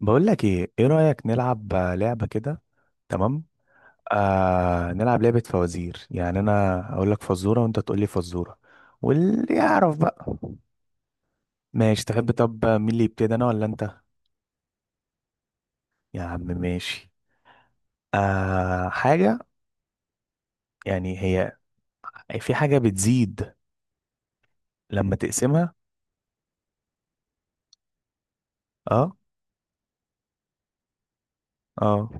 بقول لك ايه رأيك نلعب، لعبة كده. تمام. نلعب لعبة فوازير، يعني انا اقول لك فزورة وانت تقول لي فزورة. واللي يعرف بقى. ماشي، تحب؟ طب مين اللي يبتدي، انا ولا انت؟ يا عم ماشي. حاجة، يعني هي، في حاجة بتزيد لما تقسمها. اه. اه.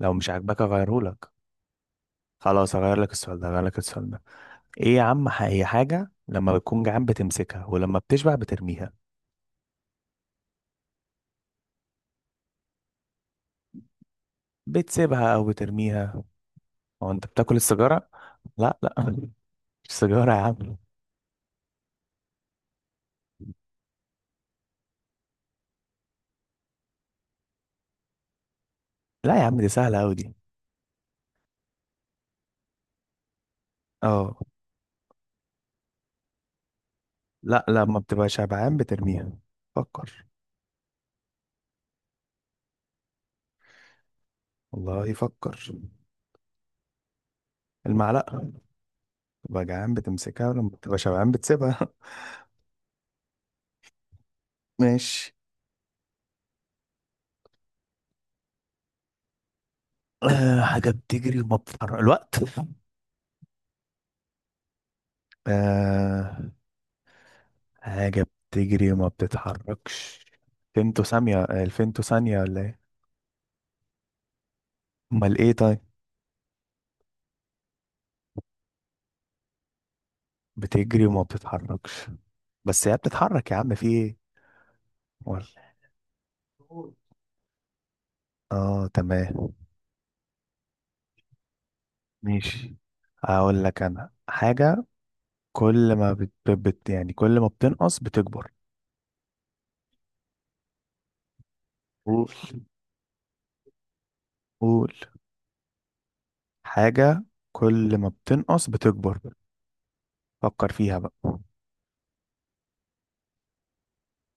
لو مش عاجباك اغيره لك. خلاص هغير لك السؤال ده، هغير لك السؤال ده. ايه يا عم، هي حاجة لما بتكون جعان بتمسكها، ولما بتشبع بترميها. بتسيبها او بترميها. هو انت بتاكل السيجاره؟ لا لا. مش سيجاره يا عم. لا يا عم، دي سهله قوي دي. اه. لا، لما بتبقى شبعان بترميها. فكر. والله يفكر. المعلقه. تبقى جعان بتمسكها، ولما بتبقى شبعان بتسيبها. ماشي. حاجه بتجري وما بتتحرك، الوقت. آه حاجه بتجري وما بتتحركش. فيمتو ثانيه، الفيمتو ثانيه ولا ايه؟ امال ايه طيب؟ بتجري وما بتتحركش. بس هي بتتحرك يا عم، في ايه؟ ولا. اه تمام. ماشي. هقول لك انا حاجة. كل ما بت... بت... يعني كل ما بتنقص بتكبر. قول قول. حاجة كل ما بتنقص بتكبر. فكر فيها بقى.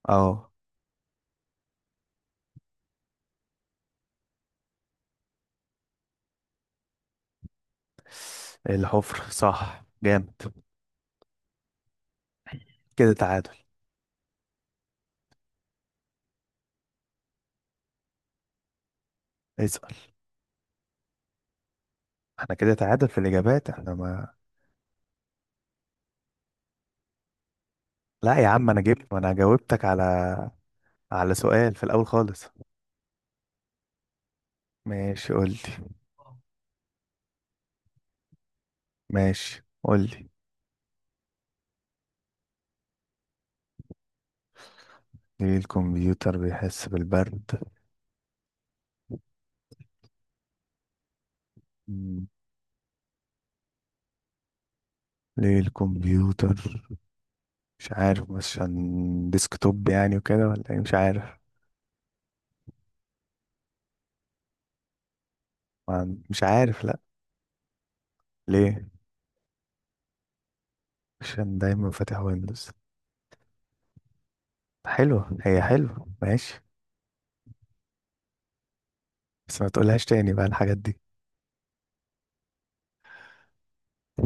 اه. الحفر، صح، جامد. كده تعادل. اسأل. احنا كده تعادل في الإجابات، احنا ما. لا يا عم انا جبت، ما انا جاوبتك على سؤال في الأول خالص. ماشي قول لي. ماشي قول لي ليه الكمبيوتر بيحس بالبرد؟ مم. ليه الكمبيوتر. مش عارف، بس عشان ديسكتوب يعني وكده ولا ايه، مش عارف. مش عارف لا. ليه؟ عشان دايما فاتح ويندوز. حلوة، هي حلوة ماشي. بس ما تقولهاش تاني بقى الحاجات دي.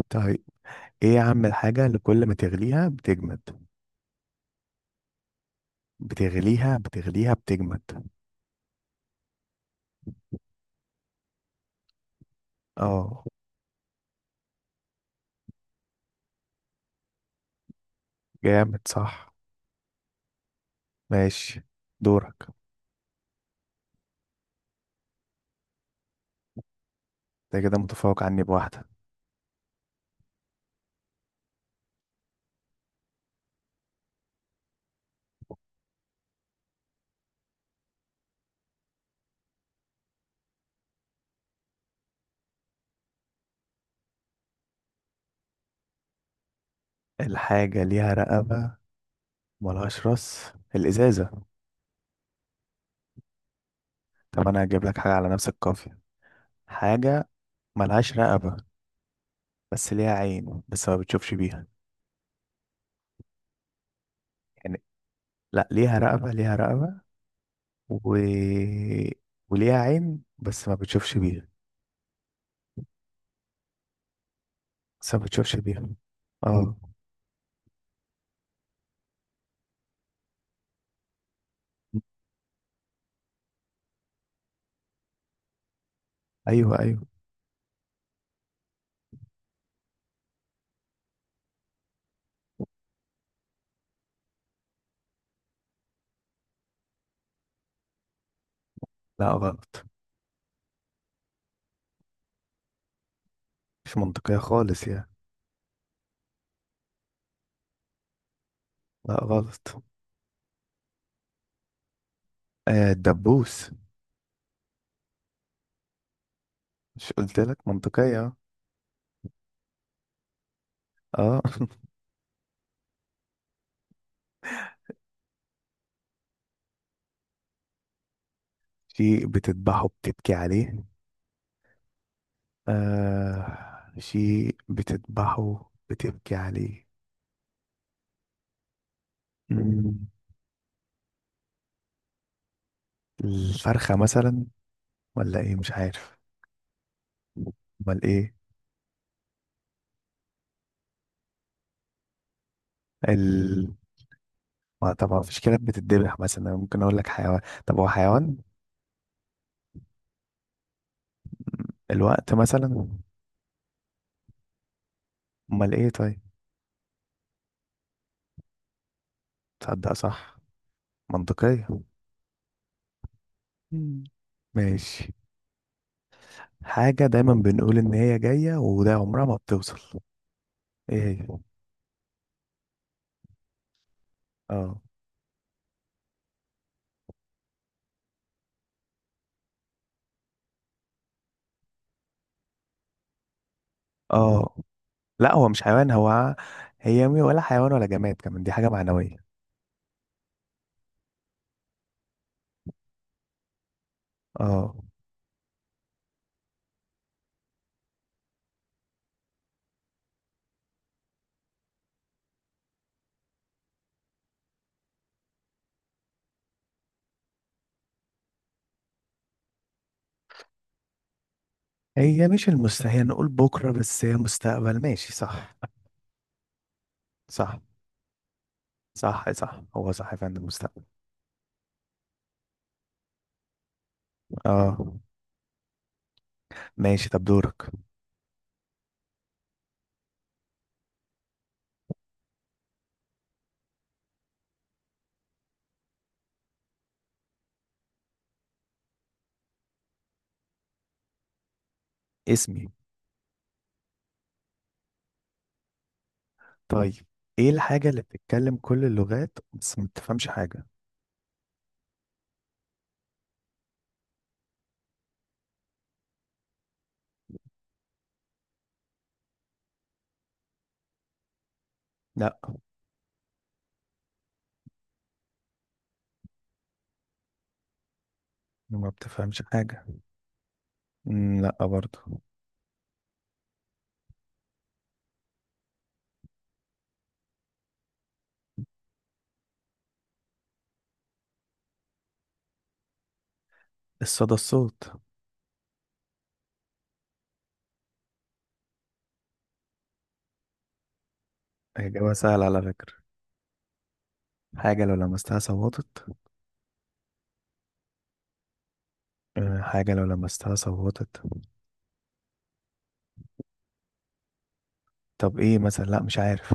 طيب. ايه يا عم الحاجة اللي كل ما تغليها بتجمد؟ بتغليها بتجمد. اه. جامد صح. ماشي. دورك. انت كده متفوق عني بواحدة. الحاجة ليها رقبة. ملهاش راس. الإزازة. طب أنا هجيب لك حاجة على نفس القافية. حاجة، ملهاش رقبة، بس ليها عين بس ما بتشوفش بيها. يعني. لا ليها رقبة، ليها رقبة و... وليها عين بس ما بتشوفش بيها. بس ما بتشوفش بيها. اه. أيوه أيوه. لا غلط. مش منطقية خالص يعني. لا غلط. آه، الدبوس. مش قلت لك منطقية؟ اه. شيء بتذبحه بتبكي عليه. آه، شيء بتذبحه بتبكي عليه. مم. الفرخة مثلا؟ ولا ايه مش عارف. امال ايه؟ ال ما طبعا مفيش كلاب بتتذبح مثلا، أنا ممكن اقول لك حيوان. طب هو حيوان؟ الوقت مثلا؟ امال ايه طيب؟ تصدق، صح. منطقية. مم. ماشي. حاجة دايما بنقول ان هي جاية وده عمرها ما بتوصل. ايه هي؟ اه. اه. لا هو مش حيوان هو. هي ولا حيوان ولا جماد كمان، دي حاجة معنوية. اه. هي مش المستحيل، نقول بكرة، بس هي مستقبل، ماشي صح. صح. صح صح، هو صح فعلا، المستقبل. اه. ماشي طب دورك. اسمي. طيب. ايه الحاجة اللي بتتكلم كل اللغات بس ما بتفهمش حاجة؟ لا. ما بتفهمش حاجة. مم، لا برضه. الصدى، الصوت. إجابة سهلة على فكرة. حاجة لو لمستها صوتت. آه، حاجة لو لمستها صوتت. طب ايه مثلا؟ لا مش عارف.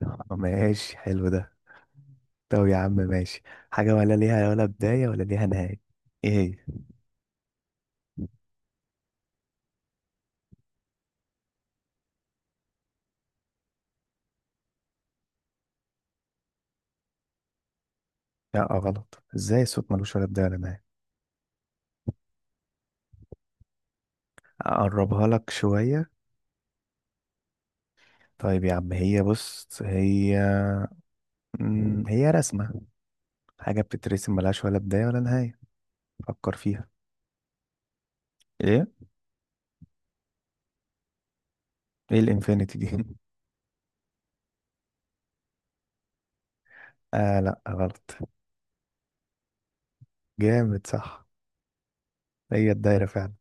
ماشي، حلو ده. طب يا عم ماشي. حاجة ولا بداية ولا ليها نهاية. ايه هي؟ لا غلط. ازاي؟ الصوت ملوش ولا بداية ولا نهاية. اقربها لك شوية. طيب يا عم، هي بص هي. هي رسمة، حاجة بتترسم ملهاش ولا بداية ولا نهاية. فكر فيها. ايه؟ ايه الانفينيتي دي؟ اه لا غلط. جامد صح. هي الدايرة فعلا.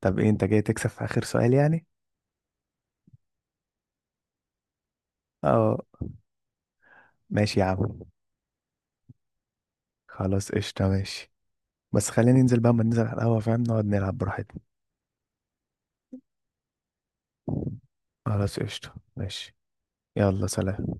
طب ايه انت جاي تكسب في اخر سؤال يعني؟ اه. ماشي يا عم. خلاص قشطة ماشي. بس خلينا ننزل بقى، ما ننزل على القهوة فاهم، نقعد نلعب براحتنا. خلاص قشطة ماشي. يلا سلام.